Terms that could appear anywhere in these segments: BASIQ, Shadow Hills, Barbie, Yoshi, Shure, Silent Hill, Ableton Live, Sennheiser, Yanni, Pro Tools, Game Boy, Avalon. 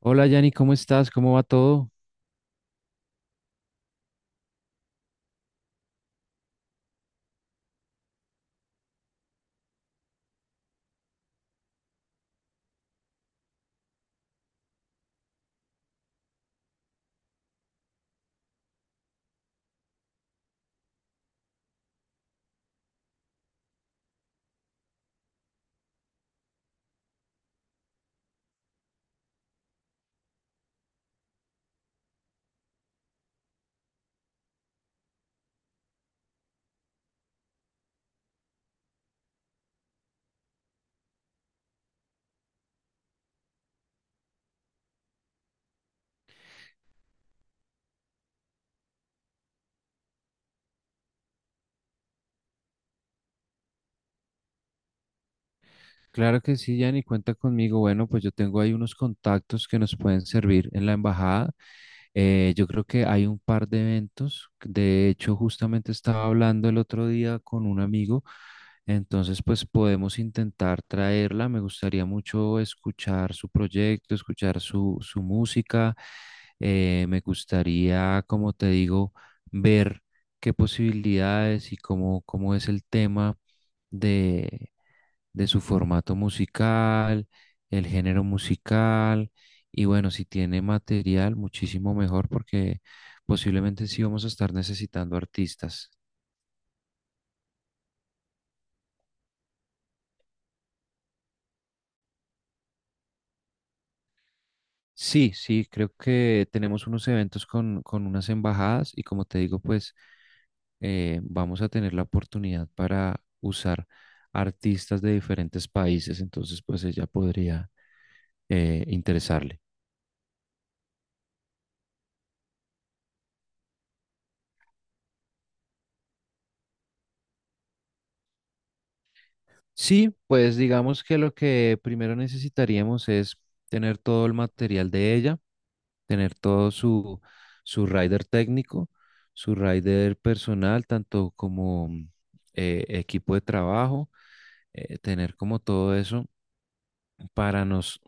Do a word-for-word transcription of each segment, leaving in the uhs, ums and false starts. Hola Yanni, ¿cómo estás? ¿Cómo va todo? Claro que sí, Yanni, cuenta conmigo. Bueno, pues yo tengo ahí unos contactos que nos pueden servir en la embajada. Eh, yo creo que hay un par de eventos. De hecho, justamente estaba hablando el otro día con un amigo. Entonces, pues podemos intentar traerla. Me gustaría mucho escuchar su proyecto, escuchar su, su música. Eh, me gustaría, como te digo, ver qué posibilidades y cómo, cómo es el tema de de su formato musical, el género musical, y bueno, si tiene material, muchísimo mejor porque posiblemente sí vamos a estar necesitando artistas. Sí, sí, creo que tenemos unos eventos con, con unas embajadas y como te digo, pues eh, vamos a tener la oportunidad para usar artistas de diferentes países, entonces pues ella podría eh, interesarle. Sí, pues digamos que lo que primero necesitaríamos es tener todo el material de ella, tener todo su, su rider técnico, su rider personal, tanto como mm, eh, equipo de trabajo, eh, tener como todo eso para nos...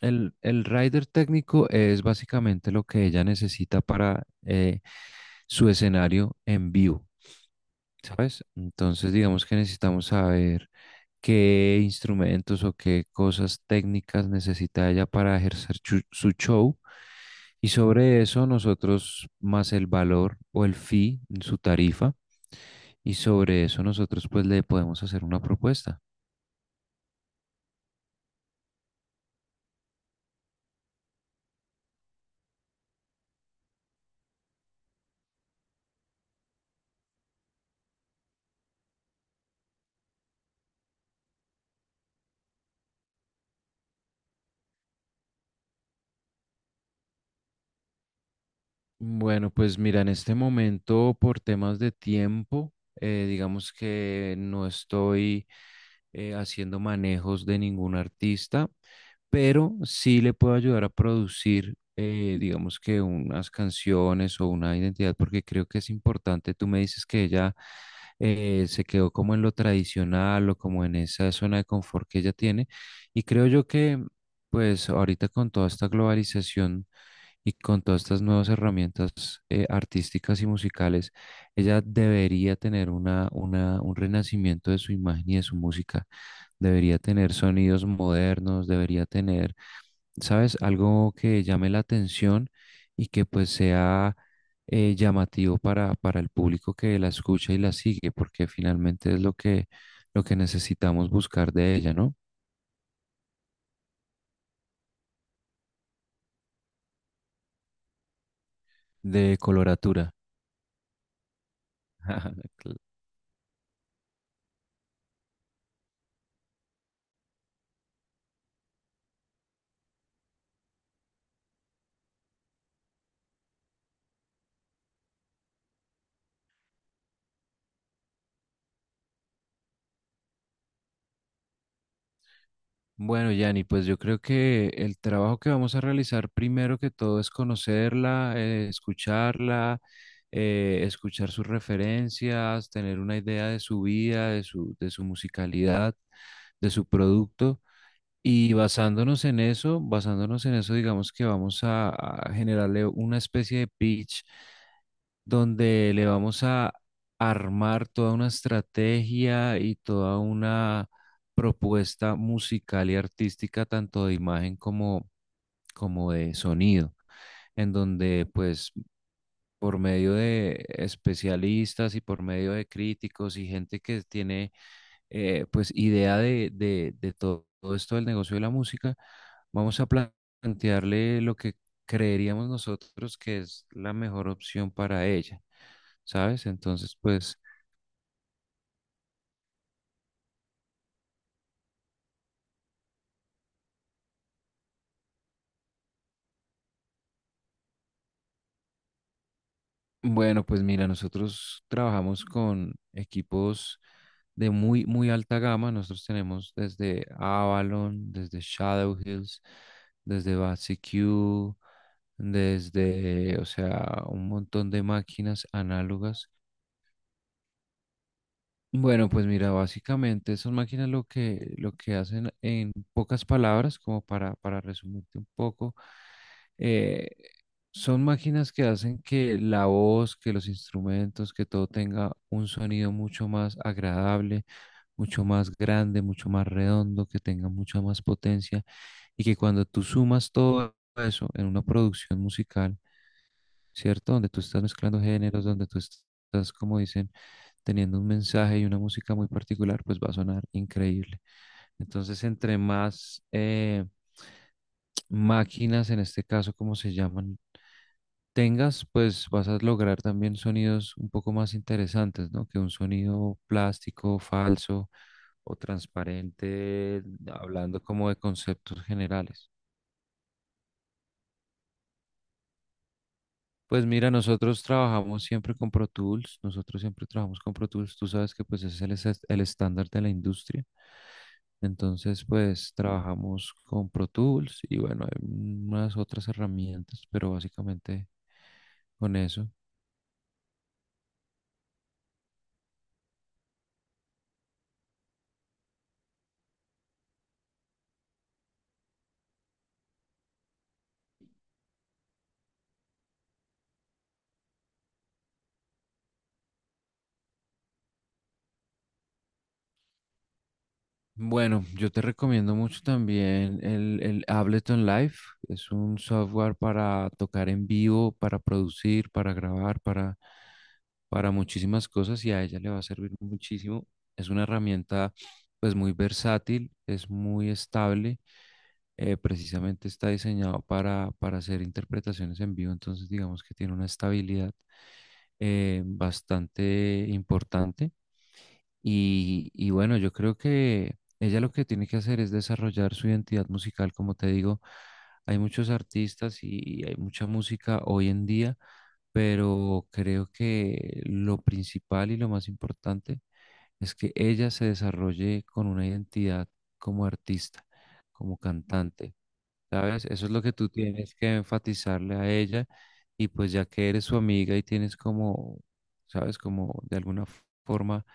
El, el rider técnico es básicamente lo que ella necesita para eh, su escenario en vivo. ¿Sabes? Entonces, digamos que necesitamos saber qué instrumentos o qué cosas técnicas necesita ella para ejercer chu- su show. Y sobre eso nosotros, más el valor o el fee, su tarifa, y sobre eso nosotros pues le podemos hacer una propuesta. Bueno, pues mira, en este momento por temas de tiempo, eh, digamos que no estoy eh, haciendo manejos de ningún artista, pero sí le puedo ayudar a producir, eh, digamos que unas canciones o una identidad, porque creo que es importante. Tú me dices que ella eh, se quedó como en lo tradicional o como en esa zona de confort que ella tiene, y creo yo que, pues ahorita con toda esta globalización y con todas estas nuevas herramientas eh, artísticas y musicales, ella debería tener una, una, un renacimiento de su imagen y de su música. Debería tener sonidos modernos, debería tener, ¿sabes? Algo que llame la atención y que pues sea eh, llamativo para, para el público que la escucha y la sigue, porque finalmente es lo que, lo que necesitamos buscar de ella, ¿no? De coloratura. Bueno, Yanni, pues yo creo que el trabajo que vamos a realizar primero que todo es conocerla, eh, escucharla, eh, escuchar sus referencias, tener una idea de su vida, de su, de su musicalidad, de su producto. Y basándonos en eso, basándonos en eso, digamos que vamos a, a generarle una especie de pitch donde le vamos a armar toda una estrategia y toda una propuesta musical y artística, tanto de imagen como, como de sonido, en donde pues por medio de especialistas y por medio de críticos y gente que tiene eh, pues idea de, de, de todo esto del negocio de la música, vamos a pla- plantearle lo que creeríamos nosotros que es la mejor opción para ella, ¿sabes? Entonces, pues, bueno, pues mira, nosotros trabajamos con equipos de muy, muy alta gama. Nosotros tenemos desde Avalon, desde Shadow Hills, desde BASIQ, desde, o sea, un montón de máquinas análogas. Bueno, pues mira, básicamente esas máquinas lo que, lo que hacen en pocas palabras, como para, para resumirte un poco, eh, son máquinas que hacen que la voz, que los instrumentos, que todo tenga un sonido mucho más agradable, mucho más grande, mucho más redondo, que tenga mucha más potencia y que cuando tú sumas todo eso en una producción musical, ¿cierto? Donde tú estás mezclando géneros, donde tú estás, como dicen, teniendo un mensaje y una música muy particular, pues va a sonar increíble. Entonces, entre más eh, máquinas, en este caso, como se llaman, tengas, pues vas a lograr también sonidos un poco más interesantes, ¿no? Que un sonido plástico, falso o transparente, hablando como de conceptos generales. Pues mira, nosotros trabajamos siempre con Pro Tools, nosotros siempre trabajamos con Pro Tools, tú sabes que pues es el, es- el estándar de la industria, entonces pues trabajamos con Pro Tools y bueno, hay unas otras herramientas, pero básicamente con eso. Bueno, yo te recomiendo mucho también el, el Ableton Live. Es un software para tocar en vivo, para producir, para grabar, para, para muchísimas cosas y a ella le va a servir muchísimo. Es una herramienta pues muy versátil, es muy estable. Eh, precisamente está diseñado para, para hacer interpretaciones en vivo, entonces digamos que tiene una estabilidad eh, bastante importante. Y, y bueno, yo creo que ella lo que tiene que hacer es desarrollar su identidad musical. Como te digo, hay muchos artistas y hay mucha música hoy en día, pero creo que lo principal y lo más importante es que ella se desarrolle con una identidad como artista, como cantante. ¿Sabes? Eso es lo que tú tienes que enfatizarle a ella y pues ya que eres su amiga y tienes como, ¿sabes? Como de alguna f- forma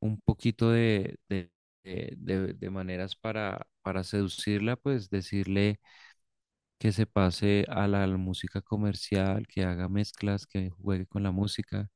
un poquito de, de, de- de- de maneras para, para seducirla, pues decirle que se pase a la música comercial, que haga mezclas, que juegue con la música.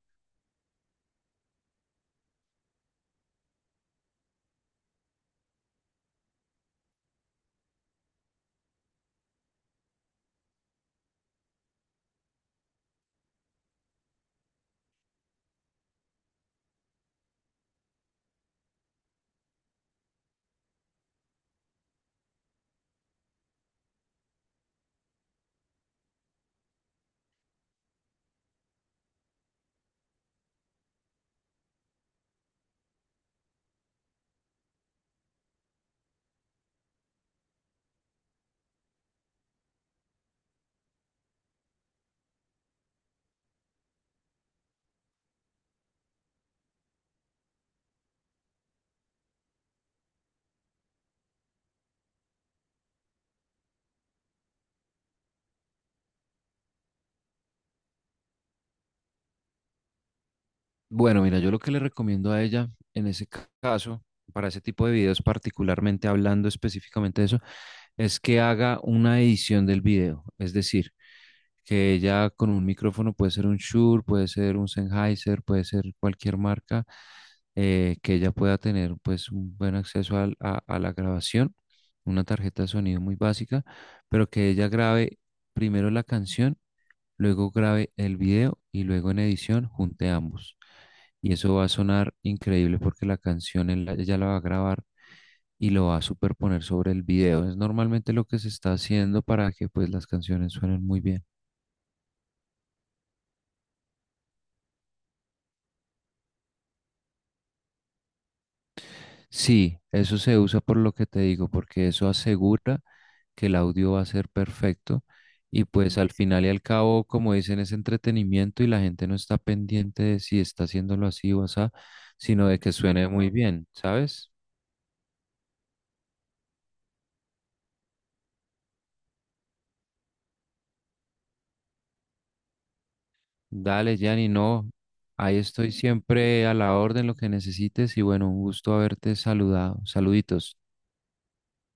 Bueno, mira, yo lo que le recomiendo a ella en ese ca- caso, para ese tipo de videos, particularmente hablando específicamente de eso, es que haga una edición del video. Es decir, que ella con un micrófono puede ser un Shure, puede ser un Sennheiser, puede ser cualquier marca, eh, que ella pueda tener pues un buen acceso al- a, a la grabación, una tarjeta de sonido muy básica, pero que ella grabe primero la canción, luego grabe el video y luego en edición junte ambos. Y eso va a sonar increíble porque la canción él la- ella la va a grabar y lo va a superponer sobre el video. Es normalmente lo que se está haciendo para que pues las canciones suenen muy bien. Sí, eso se usa por lo que te digo, porque eso asegura que el audio va a ser perfecto y pues al final y al cabo, como dicen, es entretenimiento y la gente no está pendiente de si está haciéndolo así o así, sino de que suene muy bien, ¿sabes? Dale, Gianni, no. Ahí estoy siempre a la orden, lo que necesites. Y bueno, un gusto haberte saludado. Saluditos.